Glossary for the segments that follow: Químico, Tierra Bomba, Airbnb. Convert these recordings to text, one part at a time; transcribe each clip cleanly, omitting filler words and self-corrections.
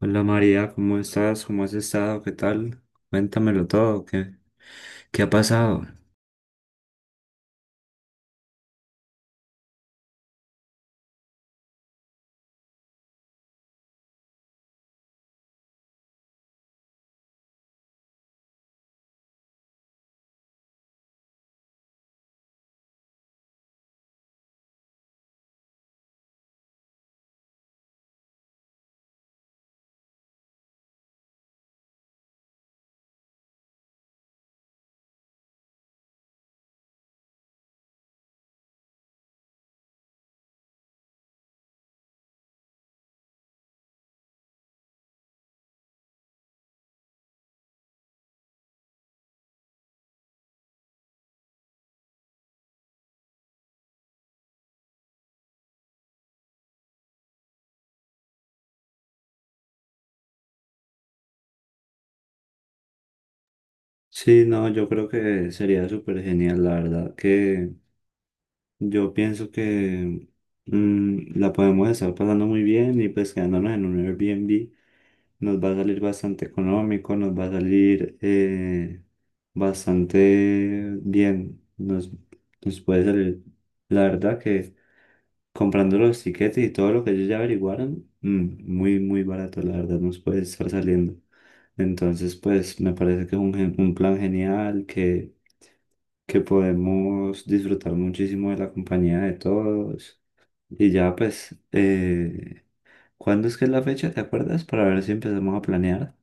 Hola María, ¿cómo estás? ¿Cómo has estado? ¿Qué tal? Cuéntamelo todo, ¿qué ha pasado? Sí, no, yo creo que sería súper genial, la verdad, que yo pienso que la podemos estar pasando muy bien y pues quedándonos en un Airbnb nos va a salir bastante económico, nos va a salir bastante bien, nos puede salir, la verdad que comprando los tiquetes y todo lo que ellos ya averiguaron, muy barato, la verdad, nos puede estar saliendo. Entonces, pues me parece que es un plan genial, que podemos disfrutar muchísimo de la compañía de todos. Y ya, pues, ¿cuándo es que es la fecha? ¿Te acuerdas? Para ver si empezamos a planear.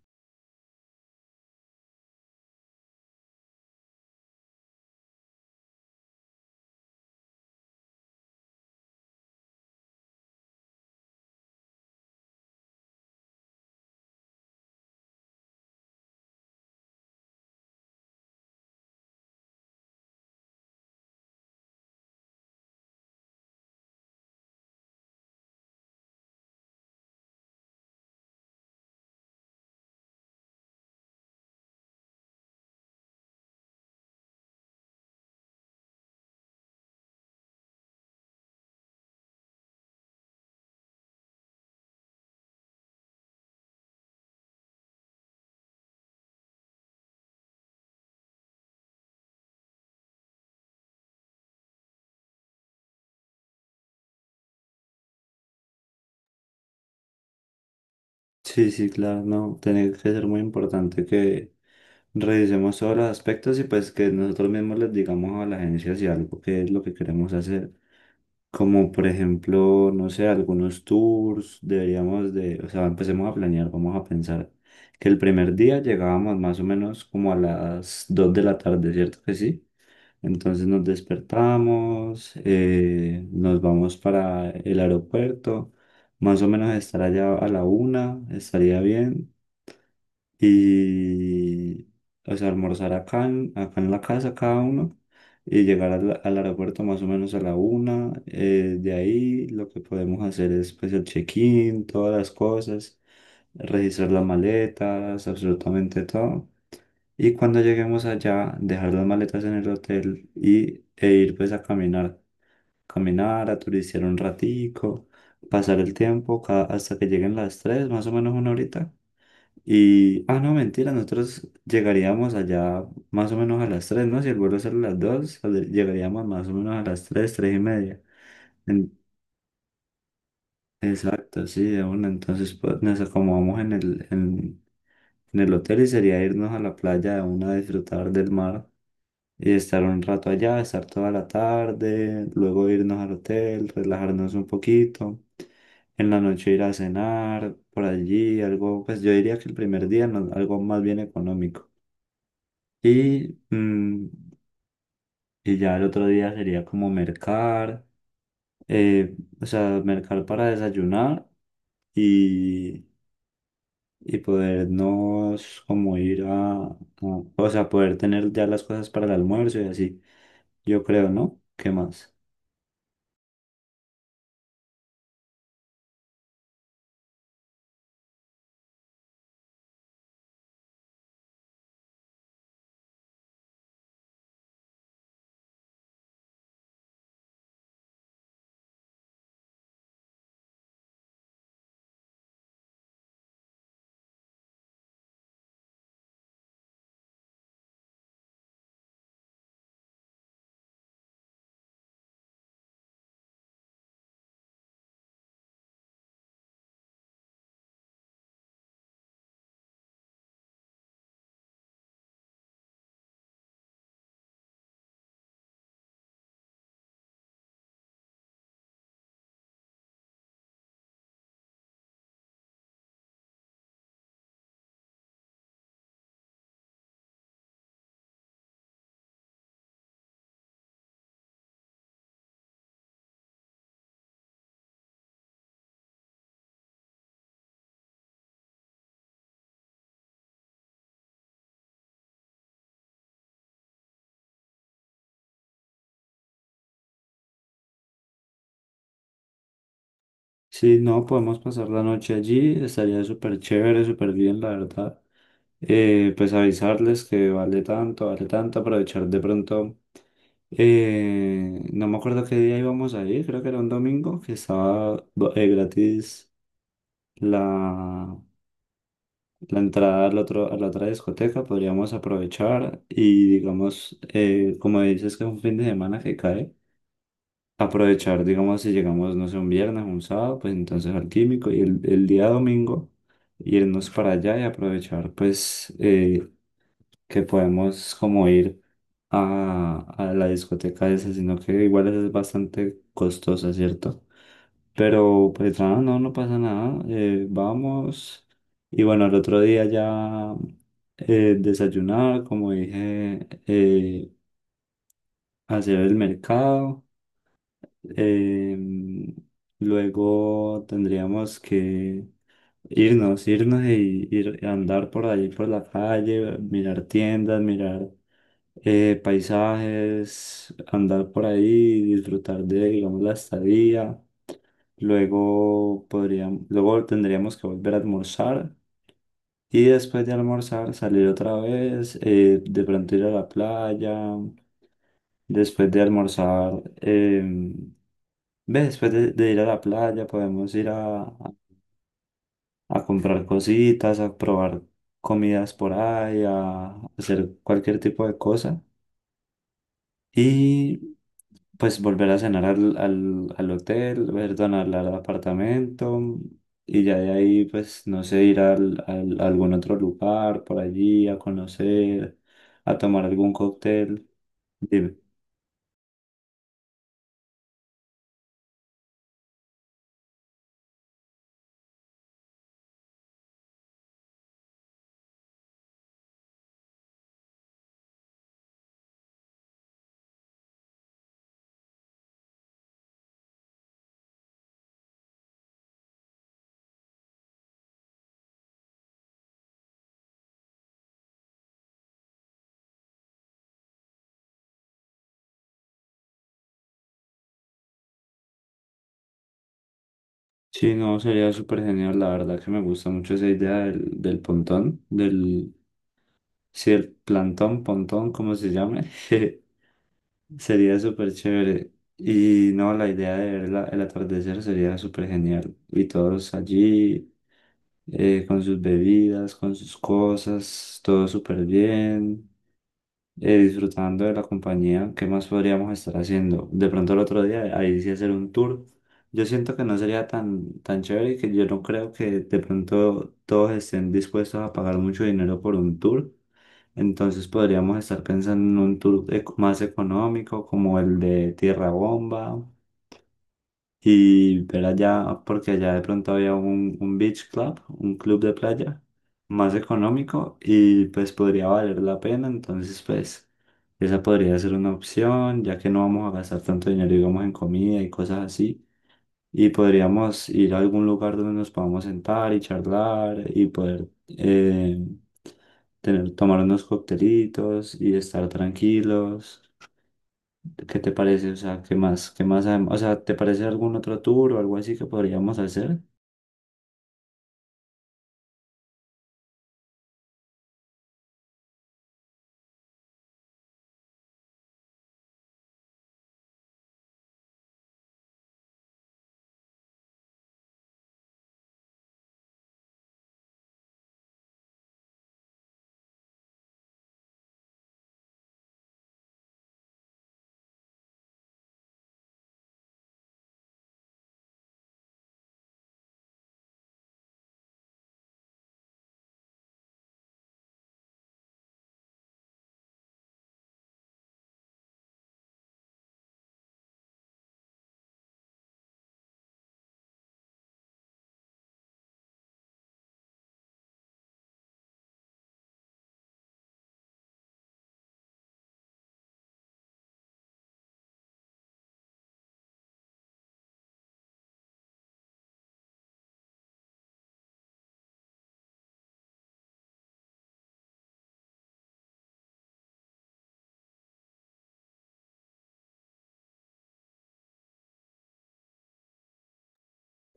Sí, sí, claro, no, tiene que ser muy importante que revisemos todos los aspectos y pues que nosotros mismos les digamos a la agencia si algo qué es lo que queremos hacer. Como por ejemplo, no sé, algunos tours, deberíamos de, o sea, empecemos a planear, vamos a pensar que el primer día llegábamos más o menos como a las 2 de la tarde, ¿cierto que sí? Entonces nos despertamos, nos vamos para el aeropuerto, más o menos estar allá a la una, estaría bien y, o sea, almorzar acá en la casa cada uno y llegar al aeropuerto más o menos a la una. De ahí lo que podemos hacer es pues el check-in, todas las cosas, registrar las maletas, absolutamente todo. Y cuando lleguemos allá, dejar las maletas en el hotel y, e ir pues a caminar, caminar, a turistear un ratico, pasar el tiempo ca- hasta que lleguen las tres, más o menos una horita y, ah, no, mentira, nosotros llegaríamos allá más o menos a las tres, ¿no? Si el vuelo sale a las 2 sale- llegaríamos más o menos a las tres, 3 y media. En- exacto, sí, de una. Entonces, pues nos acomodamos en en el hotel y sería irnos a la playa de una a disfrutar del mar y estar un rato allá, estar toda la tarde, luego irnos al hotel, relajarnos un poquito. En la noche ir a cenar por allí, algo, pues yo diría que el primer día no- algo más bien económico. Y, mm, y ya el otro día sería como mercar, eh, o sea, mercar para desayunar y, y podernos como ir o sea, poder tener ya las cosas para el almuerzo y así. Yo creo, ¿no? ¿Qué más? Sí, no, podemos pasar la noche allí, estaría súper chévere, súper bien, la verdad. Pues avisarles que vale tanto, aprovechar de pronto. No me acuerdo qué día íbamos a ir, creo que era un domingo, que estaba do- gratis la, la entrada al otro, a la otra discoteca, podríamos aprovechar y digamos, como dices que es un fin de semana que cae, aprovechar, digamos, si llegamos, no sé, un viernes, un sábado, pues entonces al Químico y el día domingo irnos para allá y aprovechar, pues, que podemos como ir a la discoteca esa, sino que igual esa es bastante costosa, ¿cierto? Pero pues nada, no, no pasa nada, vamos. Y bueno, el otro día ya desayunar, como dije, hacer el mercado. em, luego tendríamos que irnos y ir a andar por ahí, por la calle, mirar tiendas, mirar paisajes, andar por ahí, disfrutar de, digamos, la estadía. Luego podríamos, luego tendríamos que volver a almorzar y después de almorzar salir otra vez, de pronto ir a la playa. Después de almorzar, ve, después de ir a la playa podemos ir a comprar cositas, a probar comidas por ahí, a hacer cualquier tipo de cosa. Y pues volver a cenar al hotel, perdón, al apartamento y ya de ahí, pues, no sé, ir a algún otro lugar por allí a conocer, a tomar algún cóctel. Dime. Sí, no, sería súper genial, la verdad que me gusta mucho esa idea del pontón, del, sí, el plantón, pontón, como se llame, sería súper chévere. Y no, la idea de ver la- el atardecer sería súper genial. Y todos allí. Eh, con sus bebidas, con sus cosas, todo súper bien, disfrutando de la compañía. ¿Qué más podríamos estar haciendo? De pronto el otro día, ahí sí hacer un tour. Yo siento que no sería tan chévere y que yo no creo que de pronto todos estén dispuestos a pagar mucho dinero por un tour. Entonces podríamos estar pensando en un tour eco- más económico como el de Tierra Bomba y ver allá, porque allá de pronto había un beach club, un club de playa más económico y pues podría valer la pena. Entonces, pues esa podría ser una opción, ya que no vamos a gastar tanto dinero, digamos, en comida y cosas así. Y podríamos ir a algún lugar donde nos podamos sentar y charlar y poder tener, tomar unos coctelitos y estar tranquilos. ¿Qué te parece? O sea, ¿qué más? ¿Qué más? Adem- O sea, ¿te parece algún otro tour o algo así que podríamos hacer?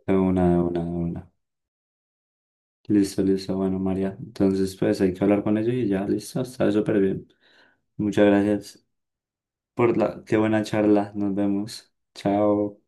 De una, de una, de una. Listo, listo. Bueno, María. Entonces, pues hay que hablar con ellos y ya, listo. Está súper bien. Muchas gracias por la… Qué buena charla. Nos vemos. Chao.